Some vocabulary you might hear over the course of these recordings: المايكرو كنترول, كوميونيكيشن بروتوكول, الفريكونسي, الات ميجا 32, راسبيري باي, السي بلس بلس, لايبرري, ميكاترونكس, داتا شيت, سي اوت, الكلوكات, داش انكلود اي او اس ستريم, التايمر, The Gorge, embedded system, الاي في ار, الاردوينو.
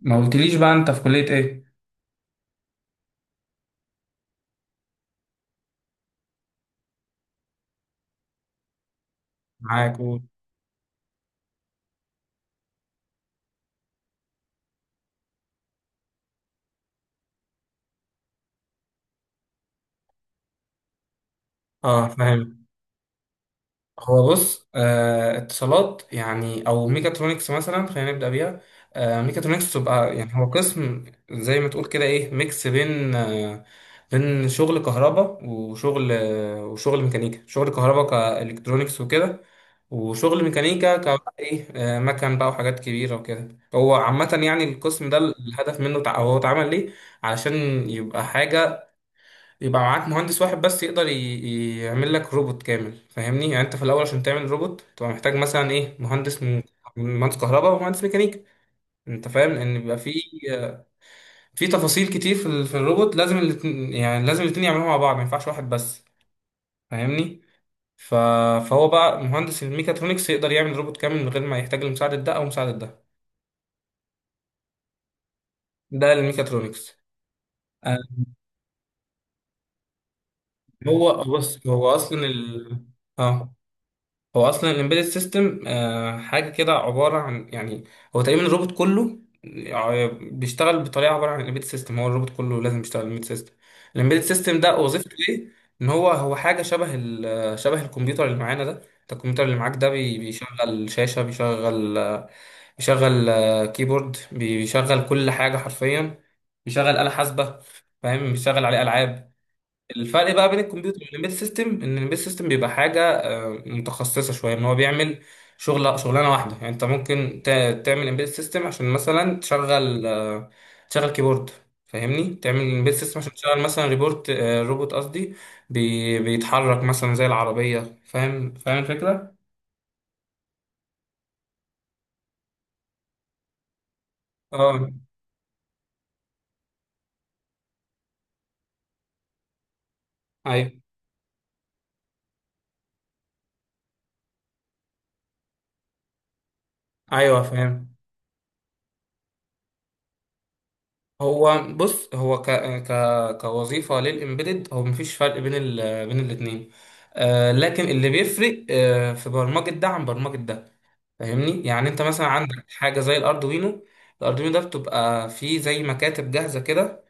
ما قلتليش بقى انت في كلية ايه؟ معاك، قول. اه، فاهم. هو بص، آه، اتصالات يعني او ميكاترونكس مثلا، خلينا نبدا بيها. آه، ميكاترونكس تبقى يعني هو قسم زي ما تقول كده ايه، ميكس بين بين شغل كهرباء وشغل وشغل ميكانيكا، شغل كهرباء كالكترونكس وكده، وشغل ميكانيكا ك ايه، مكن بقى وحاجات كبيره وكده. هو عامه يعني القسم ده الهدف منه، هو اتعمل ليه؟ علشان يبقى حاجه، يبقى معاك مهندس واحد بس يقدر يعمل لك روبوت كامل. فاهمني؟ يعني انت في الاول عشان تعمل روبوت تبقى محتاج مثلا ايه، مهندس من مهندس كهرباء ومهندس ميكانيكا. انت فاهم ان بيبقى في تفاصيل كتير في الروبوت، لازم الاتنين يعني لازم الاتنين يعملوها مع بعض، ما ينفعش واحد بس. فاهمني؟ ف... فهو بقى مهندس الميكاترونكس يقدر يعمل روبوت كامل من غير ما يحتاج لمساعدة ده او مساعدة ده. ده الميكاترونكس. آه، هو بص، اه هو اصلا الامبيدد سيستم حاجه كده، عباره عن يعني هو تقريبا الروبوت كله. آه، بيشتغل بطريقه، عباره عن الامبيدد سيستم. هو الروبوت كله لازم يشتغل الامبيدد سيستم. الامبيدد سيستم ده وظيفته ايه؟ ان هو حاجه شبه شبه الكمبيوتر اللي معانا ده. انت الكمبيوتر اللي معاك ده بيشغل شاشه، بيشغل بيشغل كيبورد، بيشغل كل حاجه حرفيا، بيشغل آلة حاسبه، فاهم؟ بيشغل عليه العاب. الفرق بقى بين الكمبيوتر والامبيد سيستم ان الامبيد سيستم بيبقى حاجه متخصصه شويه، ان هو بيعمل شغلانه واحده. يعني انت ممكن تعمل امبيد سيستم عشان مثلا تشغل تشغل كيبورد. فاهمني؟ تعمل امبيد سيستم عشان تشغل مثلا ريبورت، آه، روبوت قصدي، بيتحرك مثلا زي العربيه. فاهم؟ فاهم الفكره. اه، ايوه، ايوه فاهم. هو بص، هو ك ك كوظيفه للامبيدد هو مفيش فرق بين ال بين الاثنين. آه، لكن اللي بيفرق آه في برمجه ده عن برمجه ده. فاهمني؟ يعني انت مثلا عندك حاجه زي الاردوينو، الاردوينو ده بتبقى فيه زي مكاتب جاهزه كده.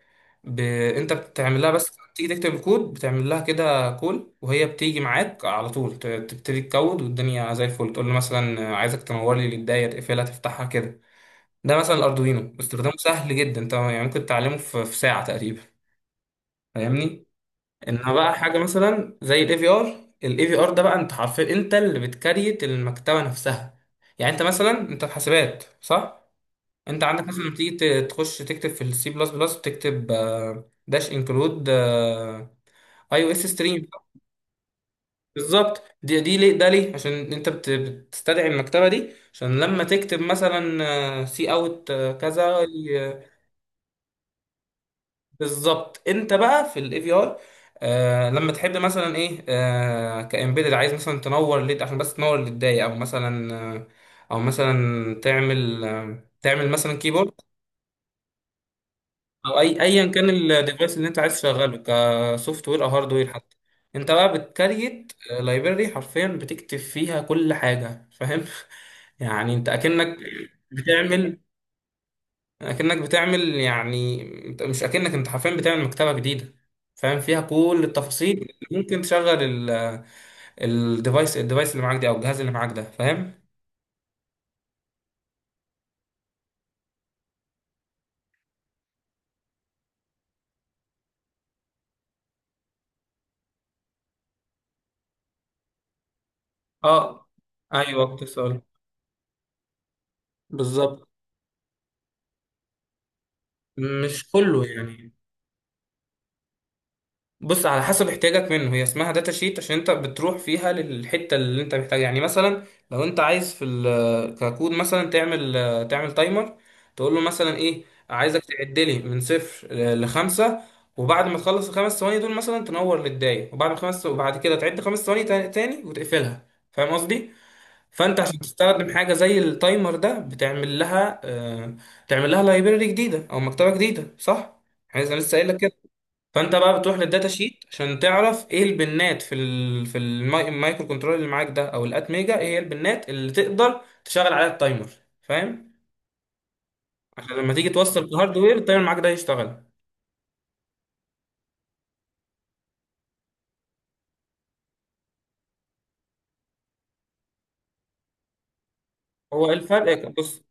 ب... انت بتعمل لها بس، تيجي تكتب الكود بتعمل لها كده كول، وهي بتيجي معاك على طول تبتدي تكود والدنيا زي الفل، تقول له مثلا عايزك تنور لي الدايره، تقفلها، تفتحها كده. ده مثلا الاردوينو استخدامه سهل جدا، انت يعني ممكن تتعلمه في ساعه تقريبا. فاهمني؟ انما بقى حاجه مثلا زي الاي في ار، الاي في ار ده بقى انت حرفيا انت اللي بتكريت المكتبه نفسها. يعني انت مثلا انت في حاسبات صح؟ انت عندك مثلا لما تيجي تخش تكتب في السي بلس بلس، بتكتب داش انكلود اي او اس ستريم. بالظبط، دي ليه؟ عشان انت بتستدعي المكتبه دي عشان لما تكتب مثلا سي اوت كذا. بالظبط، انت بقى في الاي في ار، آه، لما تحب مثلا ايه، آه، كامبيدد عايز مثلا تنور ليد عشان بس تنور للداية، او مثلا او مثلا تعمل تعمل مثلا كيبورد، او اي ايا كان الديفايس اللي انت عايز تشغله، كسوفت وير او هارد وير حتى. انت بقى بتكريت لايبرري حرفيا، بتكتب فيها كل حاجة. فاهم؟ يعني انت اكنك بتعمل بتعمل يعني، مش اكنك، انت حرفيا بتعمل مكتبه جديده فاهم، فيها كل التفاصيل اللي ممكن تشغل الديفايس، الديفايس اللي معاك دي او الجهاز اللي معاك ده. فاهم؟ اه، ايوه كنت لسه هقول. بالظبط. مش كله يعني، بص على حسب احتياجك منه، هي اسمها داتا شيت عشان انت بتروح فيها للحته اللي انت محتاجها. يعني مثلا لو انت عايز في ككود مثلا تعمل تايمر، تقول له مثلا ايه، عايزك تعد لي من صفر لخمسه، وبعد ما تخلص الخمس ثواني دول مثلا تنور للدايه، وبعد خمس وبعد كده تعد خمس ثواني تاني وتقفلها. فاهم قصدي؟ فانت عشان تستخدم حاجه زي التايمر ده بتعمل لها تعمل لها لايبرري جديده او مكتبه جديده صح؟ يعني انا لسه قايل لك كده. فانت بقى بتروح للداتا شيت عشان تعرف ايه البنات في ال في المايكرو كنترول اللي معاك ده، او الات ميجا، ايه هي البنات اللي تقدر تشغل عليها التايمر. فاهم؟ عشان لما تيجي توصل الهاردوير، التايمر معاك ده يشتغل. هو الفرق إيه؟ بص،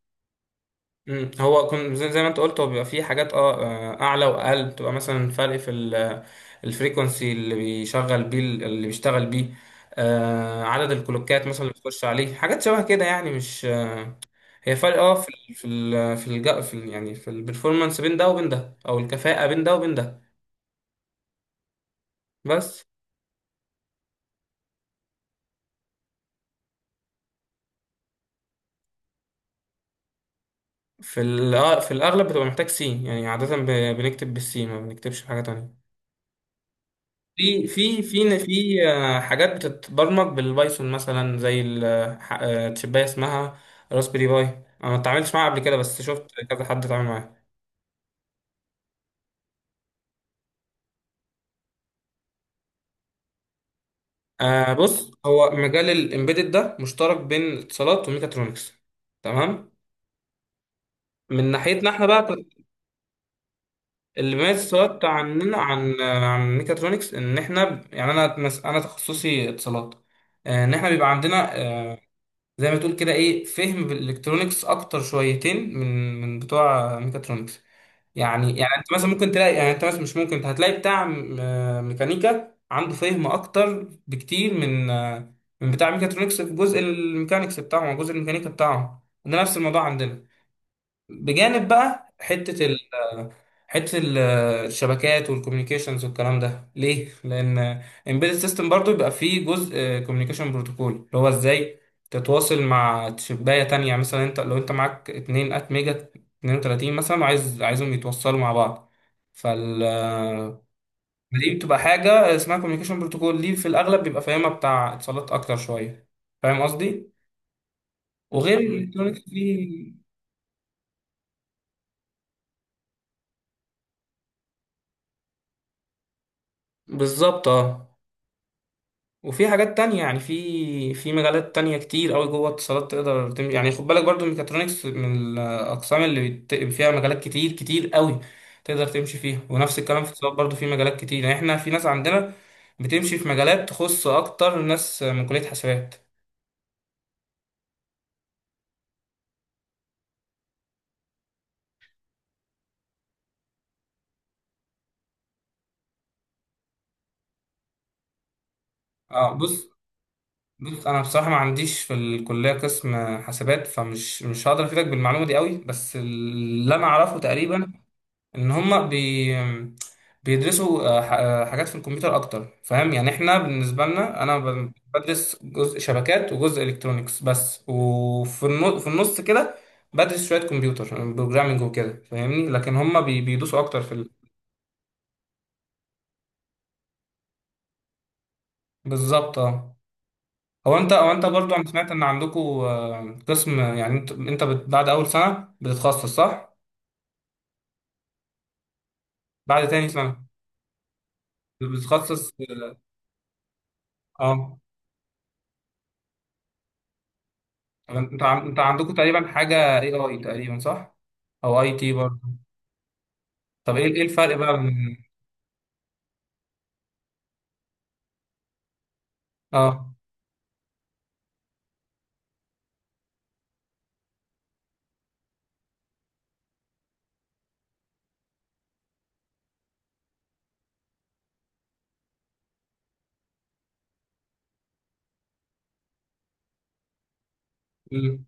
هو كن زي، ما انت قلت، هو بيبقى فيه حاجات اه، آه، اعلى واقل، بتبقى مثلا فرق في الفريكونسي اللي بيشغل بيه، اللي بيشتغل بيه. آه، عدد الكلوكات مثلا اللي بتخش عليه، حاجات شبه كده يعني. مش آه، هي فرق اه في ال في ال في, الج... في ال... يعني في البرفورمانس بين ده وبين ده، او الكفاءة بين ده وبين ده. بس. في ال... آه، في الاغلب بتبقى محتاج سي، يعني عادة بنكتب بالسي، ما بنكتبش بحاجة تانية. في حاجات بتتبرمج بالبايثون مثلا، زي التشباية اسمها راسبيري باي، انا ما اتعاملتش معاها قبل كده بس شفت كذا حد اتعامل معاها. آه بص، هو مجال الامبيدد ده مشترك بين اتصالات وميكاترونكس. تمام. من ناحيتنا احنا بقى، اللي بيميز السواق بتاع عننا عن ميكاترونكس، ان احنا يعني انا انا تخصصي اتصالات، آه، ان احنا بيبقى عندنا زي ما تقول كده ايه، فهم بالالكترونكس اكتر شويتين من بتوع ميكاترونكس. يعني انت مثلا ممكن تلاقي، يعني انت مثلا مش ممكن، انت هتلاقي بتاع ميكانيكا عنده فهم اكتر بكتير من آه، من بتاع ميكاترونكس في جزء الميكانيكس بتاعهم أو جزء الميكانيكا بتاعهم. ده نفس الموضوع عندنا، بجانب بقى حتة حتة ال- الشبكات والكوميونيكيشنز والكلام ده. ليه؟ لأن embedded system برضو يبقى فيه جزء كوميونيكيشن بروتوكول، اللي هو ازاي تتواصل مع شباية تانية. مثلا انت لو انت معاك 2 ات ميجا 32 مثلا، عايزهم يتوصلوا مع بعض، فال دي بتبقى حاجة اسمها كوميونيكيشن بروتوكول، دي في الأغلب بيبقى فاهمها بتاع اتصالات أكتر شوية. فاهم قصدي؟ وغير الإلكترونيكس دي. بالظبط اه. وفي حاجات تانية، يعني في مجالات تانية كتير أوي جوه اتصالات تقدر يعني خد بالك برضو الميكاترونكس من الأقسام اللي فيها مجالات كتير كتير أوي تقدر تمشي فيها، ونفس الكلام في اتصالات برضو في مجالات كتير، يعني احنا في ناس عندنا بتمشي في مجالات تخص أكتر ناس من كلية حسابات. اه بص، بص أنا بصراحة ما عنديش في الكلية قسم حسابات، فمش مش هقدر أفيدك بالمعلومة دي أوي، بس اللي أنا أعرفه تقريبا ان هم بيدرسوا حاجات في الكمبيوتر اكتر. فاهم؟ يعني احنا بالنسبه لنا، انا بدرس جزء شبكات وجزء الكترونيكس بس، وفي في النص كده بدرس شويه كمبيوتر بروجرامنج وكده. فاهمني؟ لكن هم بيدوسوا اكتر في ال... بالظبط اه. هو انت، او انت برضو انا سمعت ان عندكم قسم يعني بعد اول سنه بتتخصص صح؟ بعد تاني سنه بتتخصص اه. آه. انت انت عندكم تقريبا حاجه اي اي تقريبا صح؟ او اي تي برضه. طب ايه، الفرق بقى من اه، مم.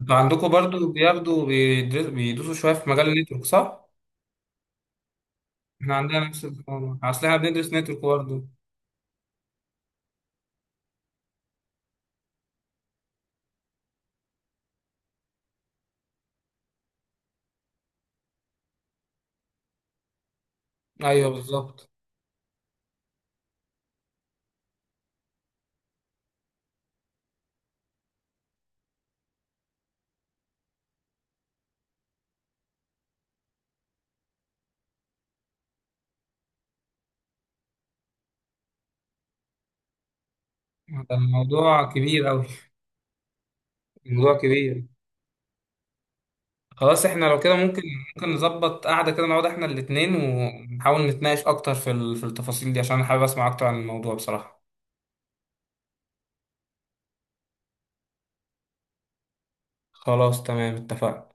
انتوا عندكم برضه بياخدوا بيدوسوا شويه في مجال النتورك صح؟ احنا عندنا نفس الحوار، اصل احنا بندرس نتورك برضه. ايوه بالظبط. ده الموضوع كبير اوي. الموضوع كبير. خلاص احنا لو كده ممكن، ممكن نظبط قعده كده، نقعد احنا الاتنين ونحاول نتناقش اكتر في في التفاصيل دي، عشان انا حابب اسمع اكتر عن الموضوع بصراحه. خلاص تمام اتفقنا.